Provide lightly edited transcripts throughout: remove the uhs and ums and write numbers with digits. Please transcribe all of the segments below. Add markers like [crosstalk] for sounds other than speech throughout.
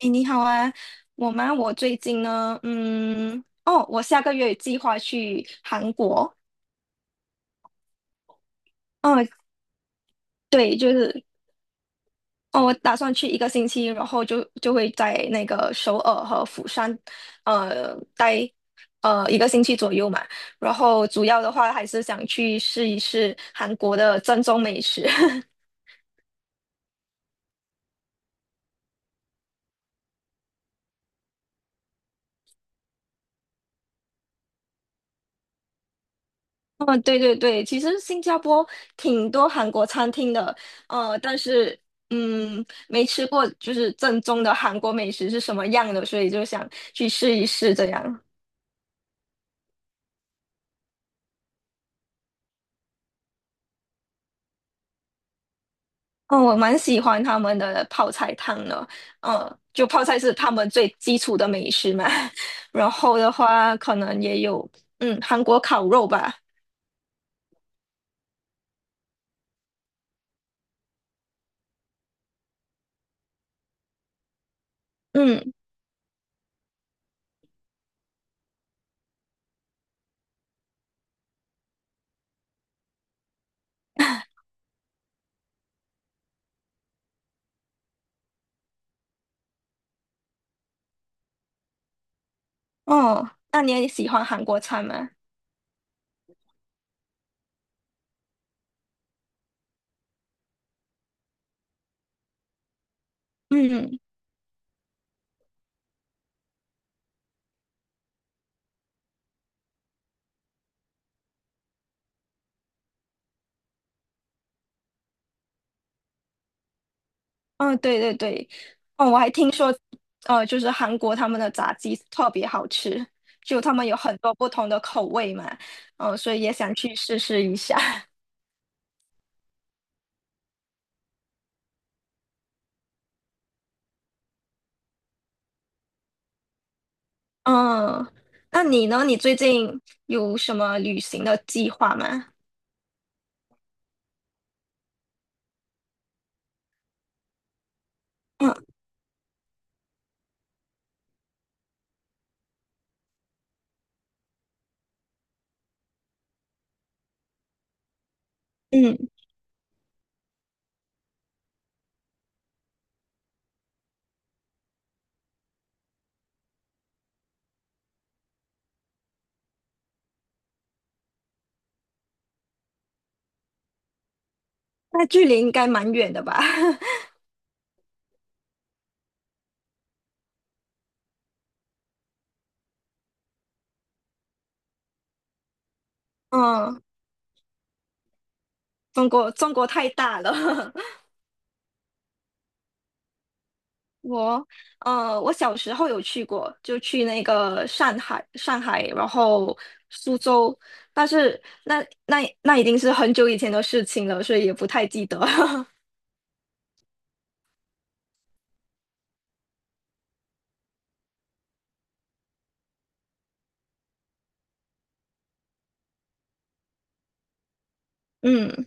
诶，你好啊，我吗？我最近呢，我下个月计划去韩国。嗯，对，就是，哦，我打算去一个星期，然后就会在那个首尔和釜山，待一个星期左右嘛。然后主要的话还是想去试一试韩国的正宗美食。[laughs] 嗯，对对对，其实新加坡挺多韩国餐厅的，但是没吃过就是正宗的韩国美食是什么样的，所以就想去试一试这样。哦，我蛮喜欢他们的泡菜汤的，就泡菜是他们最基础的美食嘛。[laughs] 然后的话，可能也有韩国烤肉吧，嗯，哦，那你也喜欢韩国菜吗？嗯。嗯，对对对，哦，我还听说，就是韩国他们的炸鸡特别好吃，就他们有很多不同的口味嘛，所以也想去试试一下。[laughs] 嗯，那你呢？你最近有什么旅行的计划吗？嗯嗯，那距离应该蛮远的吧？[laughs] 嗯，中国太大了。[laughs] 我我小时候有去过，就去那个上海，然后苏州，但是那已经是很久以前的事情了，所以也不太记得。[laughs] 嗯，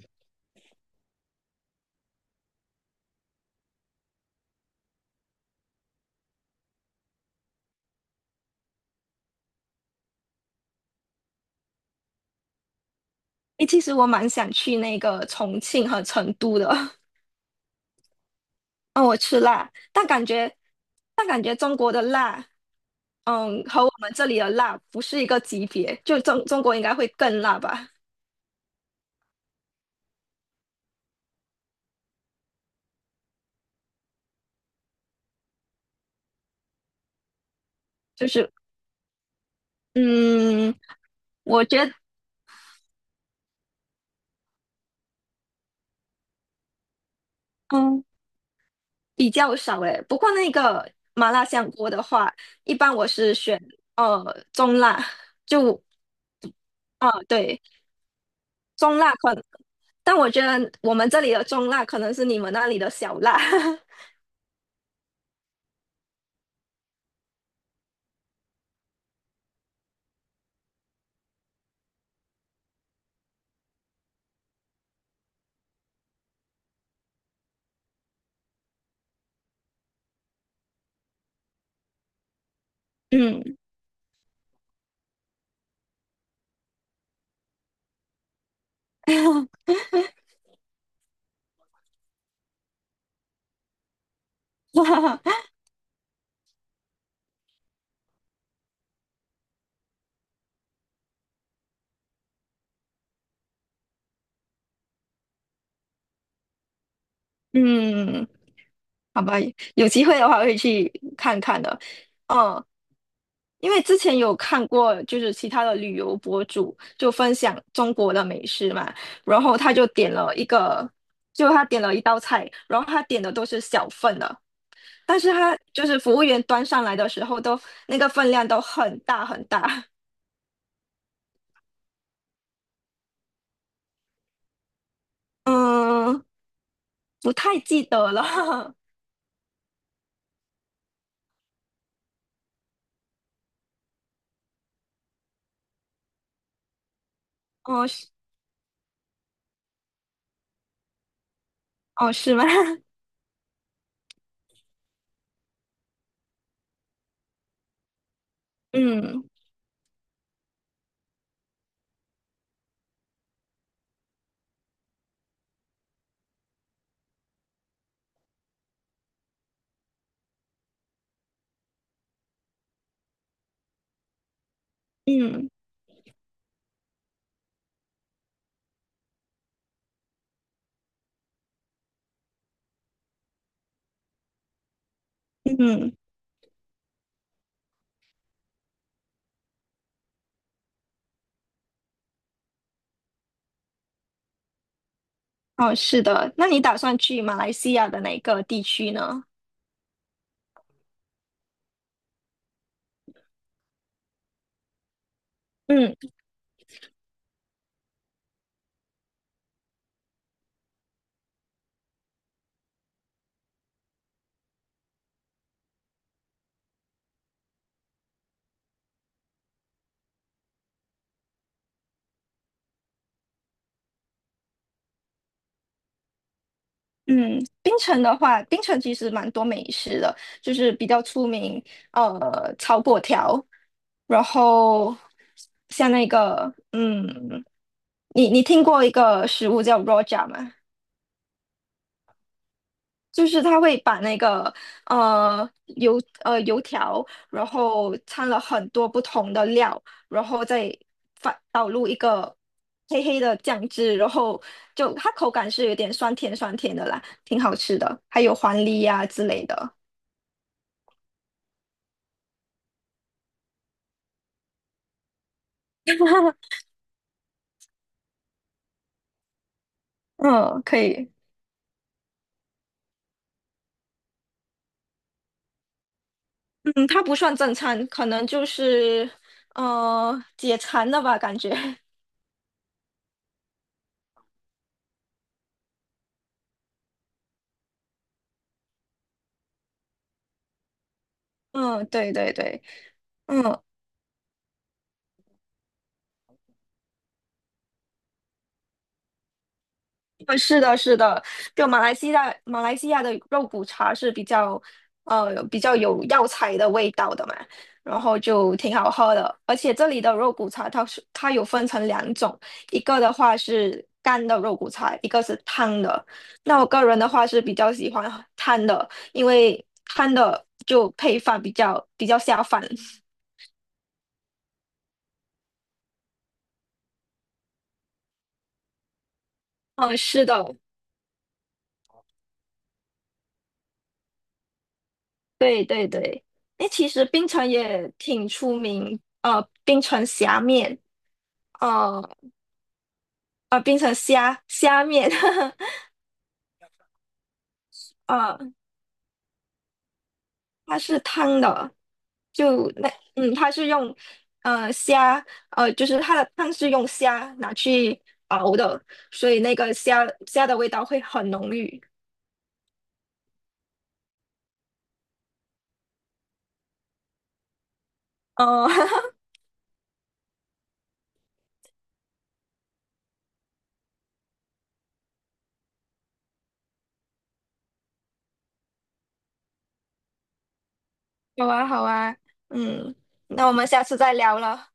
诶，其实我蛮想去那个重庆和成都的。[laughs] 嗯，我吃辣，但感觉中国的辣，嗯，和我们这里的辣不是一个级别，就中国应该会更辣吧？就是嗯，我觉得。嗯比较少诶，不过那个麻辣香锅的话，一般我是选中辣，就啊、对中辣可能，但我觉得我们这里的中辣可能是你们那里的小辣，[laughs] 嗯 [laughs] 嗯。好吧，有机会的话会去看看的。嗯，因为之前有看过，就是其他的旅游博主就分享中国的美食嘛，然后他就点了一个，就他点了一道菜，然后他点的都是小份的，但是他就是服务员端上来的时候都那个分量都很大很大，嗯，不太记得了，[laughs] 哦是哦是吗？[laughs] 嗯嗯。嗯哦，是的，那你打算去马来西亚的哪个地区呢？嗯嗯，槟城的话，槟城其实蛮多美食的，就是比较出名，炒粿条，然后像那个，你听过一个食物叫 ROJA 吗？就是他会把那个呃油条，然后掺了很多不同的料，然后再反倒入一个黑黑的酱汁，然后就它口感是有点酸甜酸甜的啦，挺好吃的。还有黄梨呀、之类的，[laughs] 嗯，可以，嗯，它不算正餐，可能就是解馋的吧，感觉，[laughs] 嗯，对对对。嗯，是的，是的，就马来西亚的肉骨茶是比较，比较有药材的味道的嘛，然后就挺好喝的。而且这里的肉骨茶，它有分成两种，一个的话是干的肉骨茶，一个是汤的。那我个人的话是比较喜欢汤的，因为汤的就配饭比较下饭。嗯，是的，对对对。诶，其实槟城也挺出名，槟城虾面。哦，变成虾面，[laughs] 呃，它是汤的，就那嗯，它是用虾，就是它的汤是用虾拿去熬的，所以那个虾的味道会很浓郁。哦，[laughs] 好啊，好啊，嗯，那我们下次再聊了，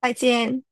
再见。